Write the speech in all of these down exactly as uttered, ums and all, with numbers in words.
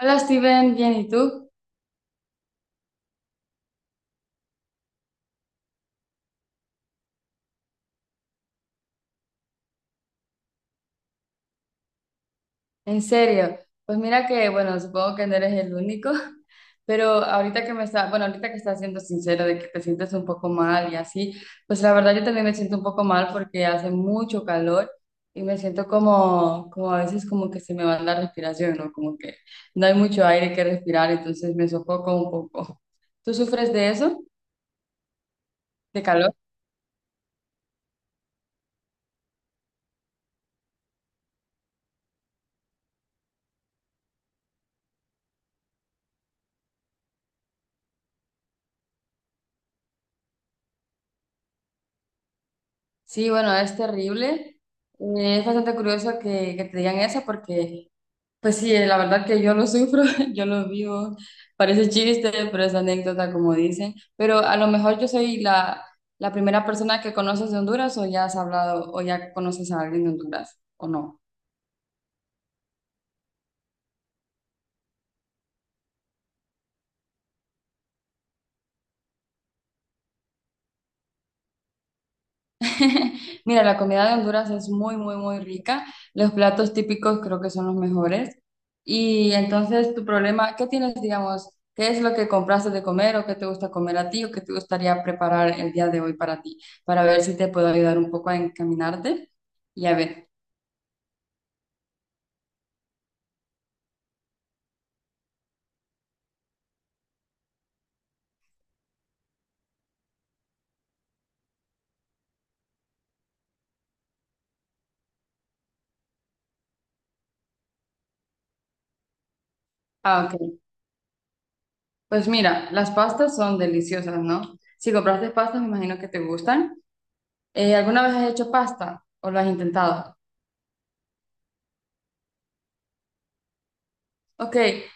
Hola Steven, bien, ¿y tú? En serio, pues mira que, bueno, supongo que no eres el único, pero ahorita que me está, bueno, ahorita que estás siendo sincero de que te sientes un poco mal y así, pues la verdad yo también me siento un poco mal porque hace mucho calor y me siento como, como, a veces como que se me va la respiración, ¿no? Como que no hay mucho aire que respirar, entonces me sofoco un poco. ¿Tú sufres de eso, de calor? Sí, bueno, es terrible. Eh, Es bastante curioso que, que, te digan eso porque... Pues sí, eh, la verdad que yo lo sufro, yo lo vivo, parece chiste, pero es anécdota como dicen, pero a lo mejor yo soy la, la primera persona que conoces de Honduras o ya has hablado o ya conoces a alguien de Honduras o no. Mira, la comida de Honduras es muy, muy, muy rica. Los platos típicos creo que son los mejores. Y entonces, tu problema, ¿qué tienes, digamos? ¿Qué es lo que compraste de comer o qué te gusta comer a ti o qué te gustaría preparar el día de hoy para ti? Para ver si te puedo ayudar un poco a encaminarte y a ver. Ah, ok. Pues mira, las pastas son deliciosas, ¿no? Si compraste pastas, me imagino que te gustan. Eh, ¿alguna vez has hecho pasta o lo has intentado? Ok,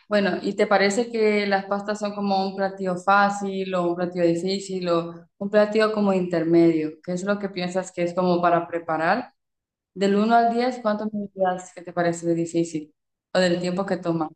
bueno, ¿y te parece que las pastas son como un platillo fácil o un platillo difícil o un platillo como intermedio? ¿Qué es lo que piensas que es como para preparar? Del uno al diez, ¿cuánto me dirías que te parece de difícil o del tiempo que toma?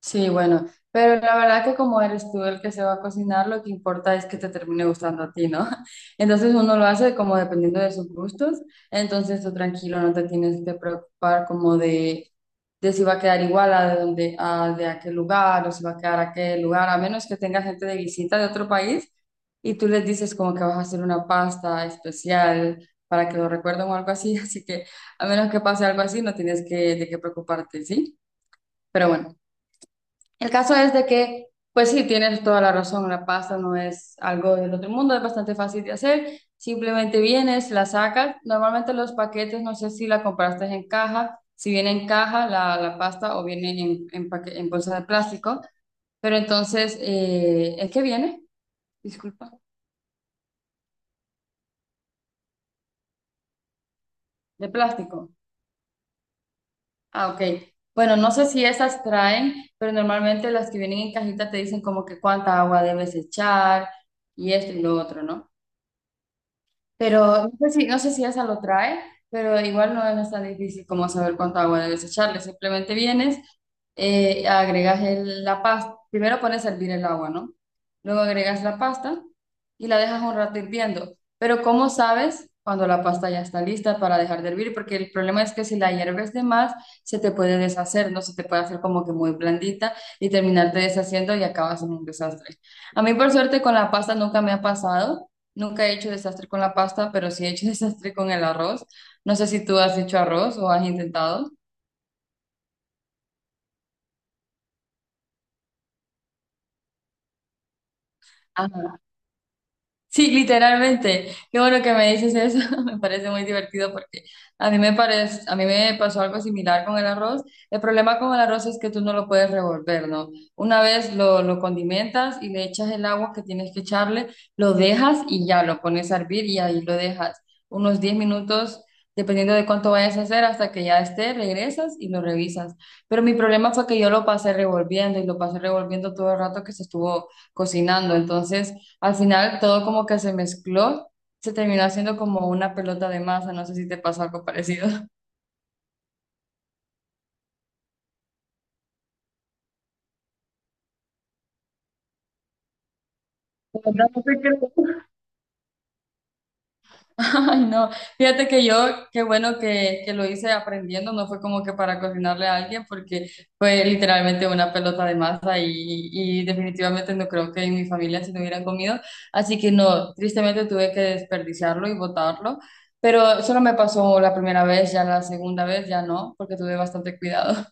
Sí, bueno, pero la verdad que como eres tú el que se va a cocinar, lo que importa es que te termine gustando a ti, ¿no? Entonces uno lo hace como dependiendo de sus gustos, entonces tú tranquilo, no te tienes que preocupar como de, de, si va a quedar igual a de, donde, a de aquel lugar o si va a quedar aquel lugar, a menos que tenga gente de visita de otro país y tú les dices como que vas a hacer una pasta especial para que lo recuerden o algo así, así que a menos que pase algo así, no tienes que, de qué preocuparte, ¿sí? Pero bueno. El caso es de que, pues sí, tienes toda la razón, la pasta no es algo del otro mundo, es bastante fácil de hacer, simplemente vienes, la sacas, normalmente los paquetes, no sé si la compraste en caja, si viene en caja la, la pasta o viene en, en, paque- en bolsa de plástico, pero entonces, eh, ¿es que viene? Disculpa, de plástico. Ah, ok. Bueno, no sé si esas traen, pero normalmente las que vienen en cajita te dicen como que cuánta agua debes echar y esto y lo otro, ¿no? Pero no sé si, no sé si esa lo trae, pero igual no no es tan difícil como saber cuánta agua debes echarle. Simplemente vienes, eh, agregas el- la pasta. Primero pones a hervir el agua, ¿no? Luego agregas la pasta y la dejas un rato hirviendo. Pero ¿cómo sabes cuando la pasta ya está lista para dejar de hervir? Porque el problema es que si la hierves de más, se te puede deshacer, ¿no? Se te puede hacer como que muy blandita y terminarte deshaciendo y acabas en un desastre. A mí, por suerte, con la pasta nunca me ha pasado. Nunca he hecho desastre con la pasta, pero sí he hecho desastre con el arroz. No sé si tú has hecho arroz o has intentado. Sí, literalmente. Qué bueno que me dices eso. Me parece muy divertido porque a mí me parece, a mí me pasó algo similar con el arroz. El problema con el arroz es que tú no lo puedes revolver, ¿no? Una vez lo, lo, condimentas y le echas el agua que tienes que echarle, lo dejas y ya lo pones a hervir y ahí lo dejas unos diez minutos, dependiendo de cuánto vayas a hacer, hasta que ya esté, regresas y lo revisas. Pero mi problema fue que yo lo pasé revolviendo y lo pasé revolviendo todo el rato que se estuvo cocinando. Entonces al final todo como que se mezcló, se terminó haciendo como una pelota de masa, no sé si te pasó algo parecido. De verdad, no te creo. Ay, no, fíjate que yo, qué bueno que, que, lo hice aprendiendo, no fue como que para cocinarle a alguien, porque fue literalmente una pelota de masa y, y definitivamente no creo que en mi familia se lo hubieran comido, así que no, tristemente tuve que desperdiciarlo y botarlo, pero solo me pasó la primera vez, ya la segunda vez ya no, porque tuve bastante cuidado.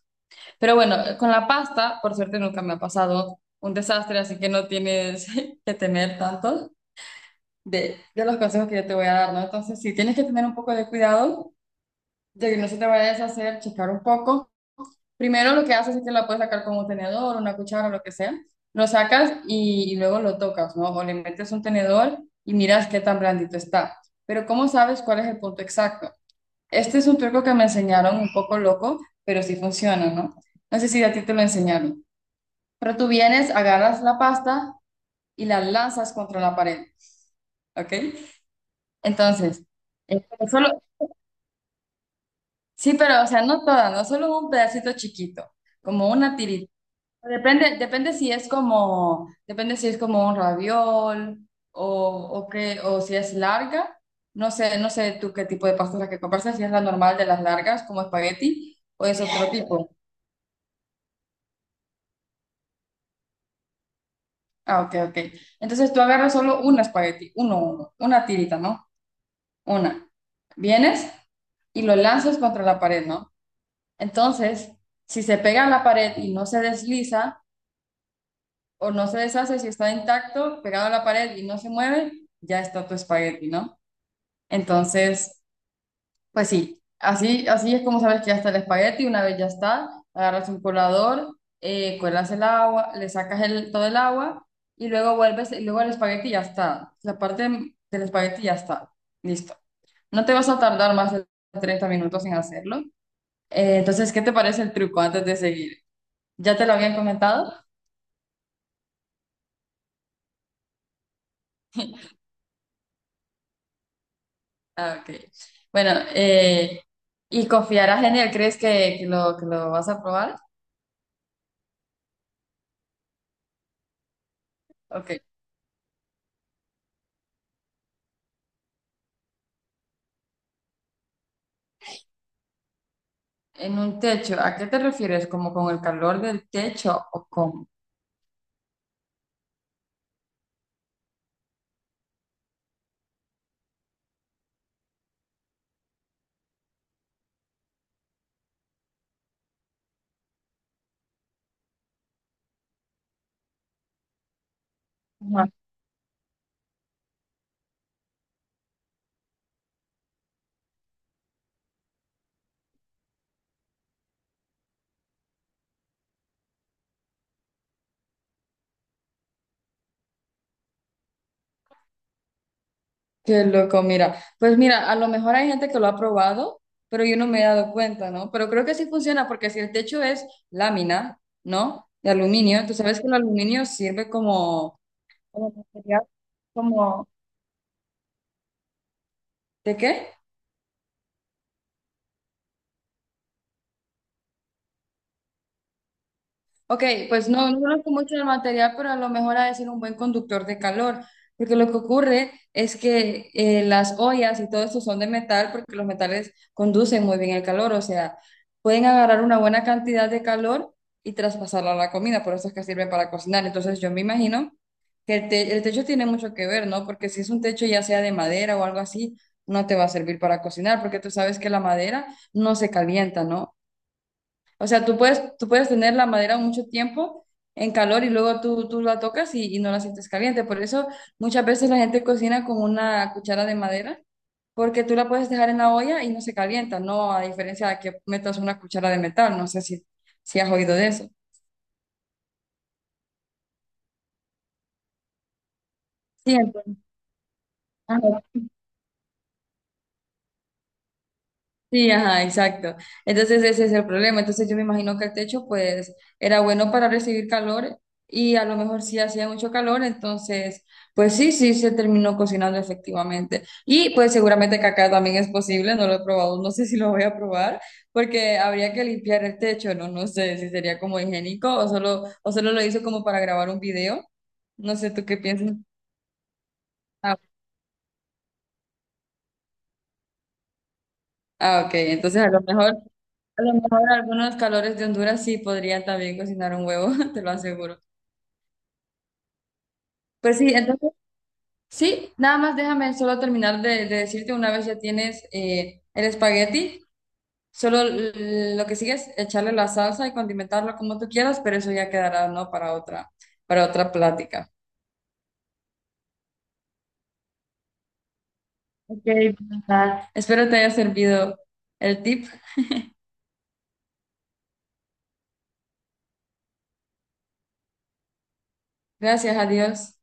Pero bueno, con la pasta, por suerte nunca me ha pasado un desastre, así que no tienes que temer tanto de, de los consejos que yo te voy a dar, ¿no? Entonces, sí, tienes que tener un poco de cuidado de que no se te vaya a deshacer, checar un poco. Primero lo que haces es que la puedes sacar con un tenedor, una cuchara, lo que sea. Lo sacas y, y luego lo tocas, ¿no? O le metes un tenedor y miras qué tan blandito está. Pero ¿cómo sabes cuál es el punto exacto? Este es un truco que me enseñaron un poco loco, pero sí funciona, ¿no? No sé si a ti te lo enseñaron. Pero tú vienes, agarras la pasta y la lanzas contra la pared, ¿ok? Entonces, eh, pero solo, sí, pero, o sea, no toda, no solo un pedacito chiquito, como una tirita. Depende, depende si es como, depende si es como un raviol o, o qué, o si es larga. No sé, no sé tú qué tipo de pasta es la que compras, si es la normal de las largas, como espagueti, o es otro tipo. Ah, ok, ok. Entonces tú agarras solo un espagueti, uno, uno, una tirita, ¿no? Una. Vienes y lo lanzas contra la pared, ¿no? Entonces, si se pega a la pared y no se desliza o no se deshace, si está intacto, pegado a la pared y no se mueve, ya está tu espagueti, ¿no? Entonces, pues sí, así, así, es como sabes que ya está el espagueti, una vez ya está, agarras un colador, eh, cuelas el agua, le sacas el, todo el agua y luego vuelves, y luego el espagueti ya está, la parte del espagueti ya está, listo. No te vas a tardar más de treinta minutos en hacerlo. Eh, entonces, ¿qué te parece el truco antes de seguir? ¿Ya te lo habían comentado? Ah, ok. Bueno, eh, ¿y confiarás en él? ¿Crees que, que lo, que lo vas a probar? Ok. En un techo, ¿a qué te refieres? ¿Como con el calor del techo o con...? Ajá. Qué loco, mira. Pues mira, a lo mejor hay gente que lo ha probado, pero yo no me he dado cuenta, ¿no? Pero creo que sí funciona porque si el techo es lámina, ¿no? De aluminio, tú sabes que el aluminio sirve como... Como material, como... ¿De qué? Ok, pues no, no conozco mucho el material, pero a lo mejor ha de ser un buen conductor de calor, porque lo que ocurre es que eh, las ollas y todo esto son de metal, porque los metales conducen muy bien el calor, o sea, pueden agarrar una buena cantidad de calor y traspasarla a la comida, por eso es que sirven para cocinar. Entonces yo me imagino que el, te- el techo tiene mucho que ver, ¿no? Porque si es un techo ya sea de madera o algo así, no te va a servir para cocinar, porque tú sabes que la madera no se calienta, ¿no? O sea, tú puedes, tú puedes, tener la madera mucho tiempo en calor y luego tú, tú la tocas y, y no la sientes caliente. Por eso muchas veces la gente cocina con una cuchara de madera, porque tú la puedes dejar en la olla y no se calienta, ¿no? A diferencia de que metas una cuchara de metal, no sé si, si has oído de eso. Sí, entonces. Sí, ajá, exacto. Entonces ese es el problema. Entonces yo me imagino que el techo pues era bueno para recibir calor y a lo mejor sí hacía mucho calor, entonces pues sí, sí se terminó cocinando efectivamente. Y pues seguramente que acá también es posible, no lo he probado, no sé si lo voy a probar porque habría que limpiar el techo, no, no sé si sería como higiénico o solo, o solo, lo hizo como para grabar un video. No sé, ¿tú qué piensas? Ah, ah, ok. Entonces a lo mejor, a lo mejor algunos calores de Honduras sí podrían también cocinar un huevo, te lo aseguro. Pues sí, entonces, sí, nada más déjame solo terminar de, de decirte una vez ya tienes eh, el espagueti, solo l- lo que sigue es echarle la salsa y condimentarlo como tú quieras, pero eso ya quedará, ¿no? Para otra, para otra, plática. Ok, pues, nada. Espero te haya servido el tip. Gracias, adiós.